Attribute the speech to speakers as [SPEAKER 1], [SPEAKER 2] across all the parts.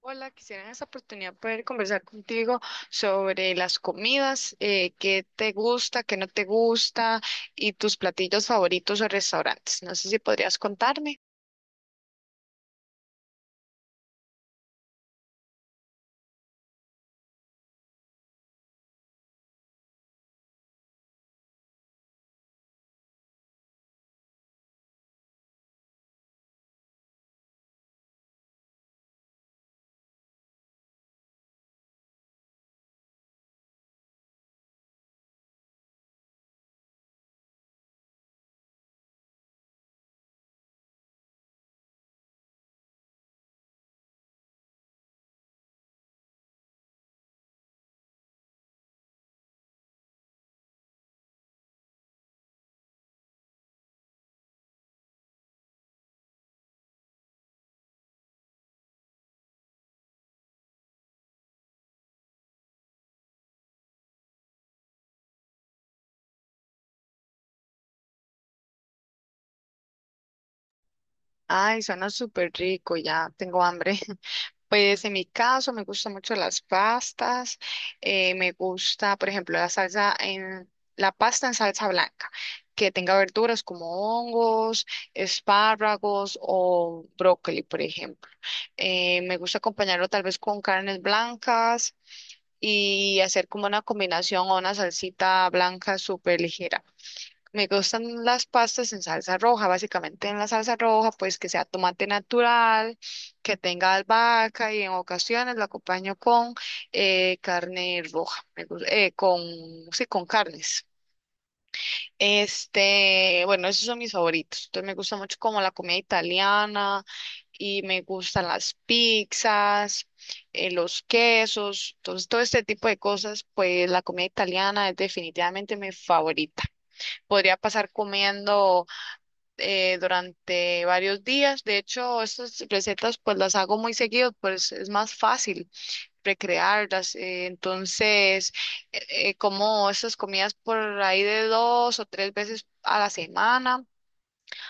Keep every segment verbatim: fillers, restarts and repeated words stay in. [SPEAKER 1] Hola, quisiera en esta oportunidad poder conversar contigo sobre las comidas, eh, qué te gusta, qué no te gusta y tus platillos favoritos o restaurantes. No sé si podrías contarme. Ay, suena súper rico, ya tengo hambre. Pues en mi caso me gustan mucho las pastas, eh, me gusta, por ejemplo, la salsa en la pasta en salsa blanca, que tenga verduras como hongos, espárragos o brócoli, por ejemplo. Eh, me gusta acompañarlo tal vez con carnes blancas y hacer como una combinación o una salsita blanca súper ligera. Me gustan las pastas en salsa roja, básicamente en la salsa roja, pues que sea tomate natural, que tenga albahaca y en ocasiones lo acompaño con eh, carne roja, me gus- eh, con, sí, con carnes. Este, bueno, esos son mis favoritos. Entonces me gusta mucho como la comida italiana y me gustan las pizzas, eh, los quesos, entonces todo este tipo de cosas, pues la comida italiana es definitivamente mi favorita. Podría pasar comiendo eh, durante varios días. De hecho, estas recetas pues las hago muy seguido, pues es más fácil recrearlas. Eh, entonces, eh, eh, como estas comidas por ahí de dos o tres veces a la semana,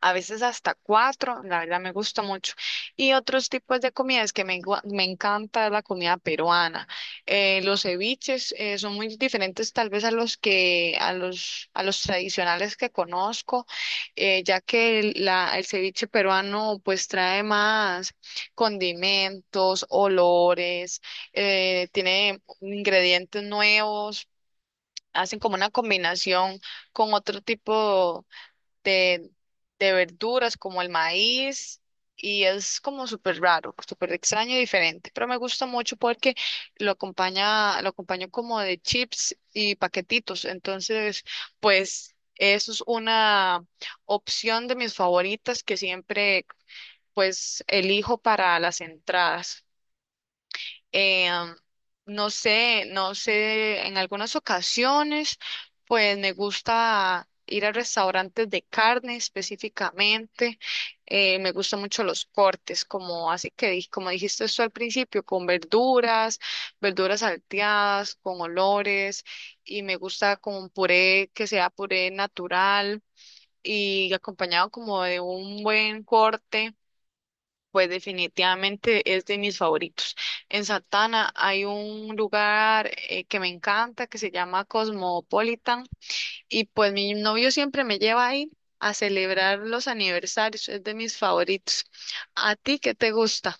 [SPEAKER 1] a veces hasta cuatro, la verdad me gusta mucho. Y otros tipos de comidas que me, gua- me encanta es la comida peruana. Eh, los ceviches eh, son muy diferentes tal vez a los que, a los, a los tradicionales que conozco, eh, ya que el, la, el ceviche peruano pues trae más condimentos, olores, eh, tiene ingredientes nuevos, hacen como una combinación con otro tipo de, de verduras como el maíz, y es como súper raro, súper extraño y diferente, pero me gusta mucho porque lo acompaña, lo acompaño como de chips y paquetitos. Entonces pues eso es una opción de mis favoritas que siempre pues elijo para las entradas. Eh, no sé, no sé, en algunas ocasiones, pues me gusta ir a restaurantes de carne específicamente. Eh, me gustan mucho los cortes, como así que di- como dijiste esto al principio, con verduras, verduras salteadas, con olores, y me gusta como un puré que sea puré natural, y acompañado como de un buen corte pues definitivamente es de mis favoritos. En Santana hay un lugar eh, que me encanta, que se llama Cosmopolitan, y pues mi novio siempre me lleva ahí a celebrar los aniversarios, es de mis favoritos. ¿A ti qué te gusta?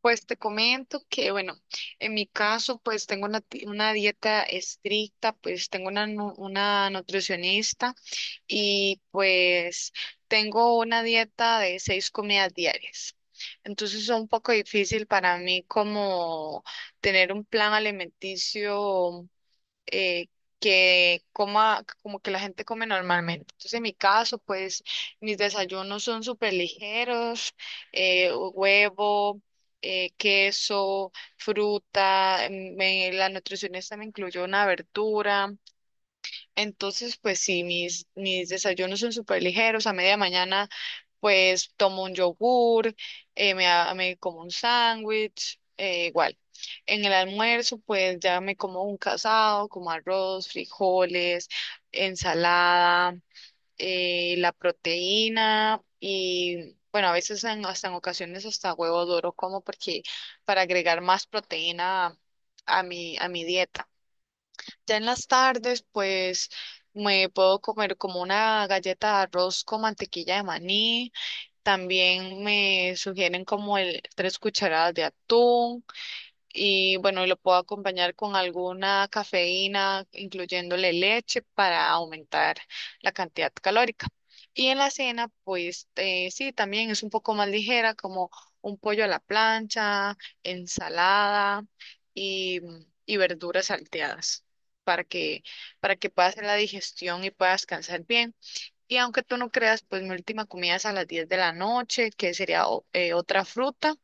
[SPEAKER 1] Pues te comento que, bueno, en mi caso pues tengo una, ti- una dieta estricta, pues tengo una, nu- una nutricionista. Y pues tengo una dieta de seis comidas diarias. Entonces es un poco difícil para mí como tener un plan alimenticio eh, que coma como que la gente come normalmente. Entonces en mi caso, pues mis desayunos son súper ligeros, eh, huevo, eh, queso, fruta, me- la nutricionista me incluyó una verdura. Entonces, pues sí, mis, mis desayunos son súper ligeros. A media mañana, pues tomo un yogur, eh, me, ha- me como un sándwich, eh, igual. En el almuerzo, pues ya me como un casado, como arroz, frijoles, ensalada, eh, la proteína y, bueno, a veces en- hasta en ocasiones hasta huevo duro, como porque para agregar más proteína a mi, a mi dieta. Ya en las tardes, pues me puedo comer como una galleta de arroz con mantequilla de maní. También me sugieren como el tres cucharadas de atún, y bueno, lo puedo acompañar con alguna cafeína, incluyéndole leche para aumentar la cantidad calórica. Y en la cena, pues eh, sí, también es un poco más ligera, como un pollo a la plancha, ensalada y, y verduras salteadas. Para que, para que puedas hacer la digestión y puedas descansar bien. Y aunque tú no creas, pues mi última comida es a las diez de la noche, que sería o- eh, otra fruta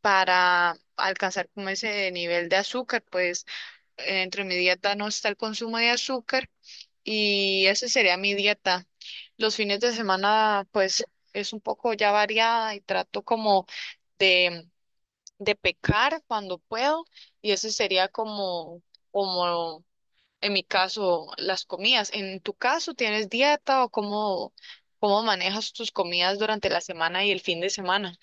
[SPEAKER 1] para alcanzar como ese nivel de azúcar. Pues entre mi dieta no está el consumo de azúcar, y esa sería mi dieta. Los fines de semana pues es un poco ya variada y trato como de, de pecar cuando puedo, y ese sería como, como en mi caso las comidas. En tu caso, ¿tienes dieta o cómo, cómo manejas tus comidas durante la semana y el fin de semana?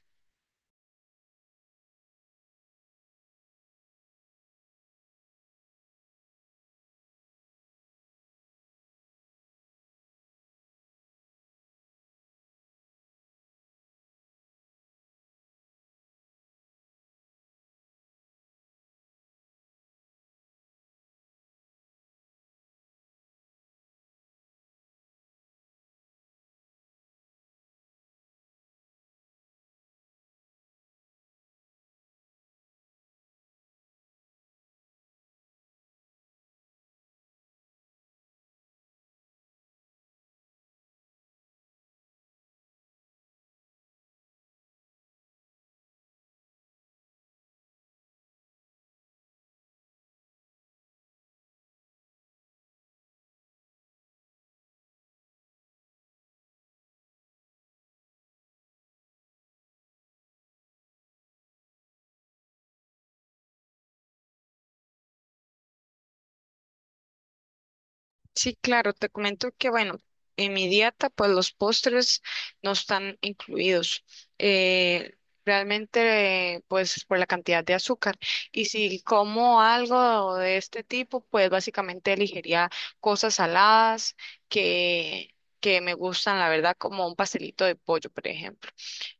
[SPEAKER 1] Sí, claro, te comento que, bueno, en mi dieta pues los postres no están incluidos. Eh, Realmente eh, pues por la cantidad de azúcar. Y si como algo de este tipo, pues básicamente elegiría cosas saladas que, que me gustan, la verdad, como un pastelito de pollo, por ejemplo.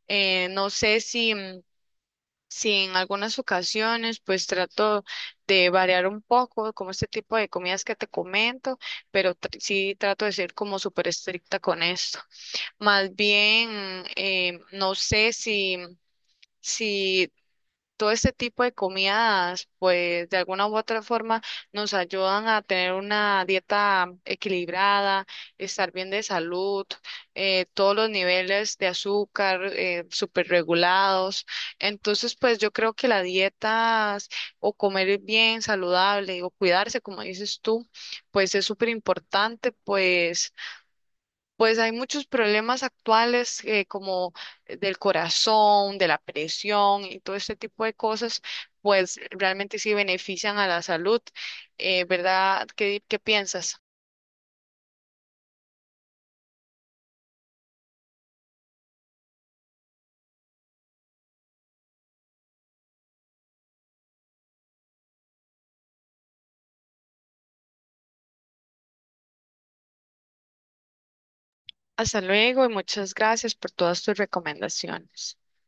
[SPEAKER 1] Eh, no sé si, mm, sí, en algunas ocasiones pues trato de variar un poco como este tipo de comidas que te comento, pero tr- sí trato de ser como súper estricta con esto. Más bien, eh, no sé si, si todo este tipo de comidas, pues de alguna u otra forma nos ayudan a tener una dieta equilibrada, estar bien de salud, eh, todos los niveles de azúcar eh, súper regulados. Entonces, pues yo creo que la dieta o comer bien saludable o cuidarse, como dices tú, pues es súper importante, pues. Pues hay muchos problemas actuales eh, como del corazón, de la presión y todo este tipo de cosas, pues realmente sí benefician a la salud, eh, ¿verdad? ¿Qué, qué piensas? Hasta luego y muchas gracias por todas tus recomendaciones.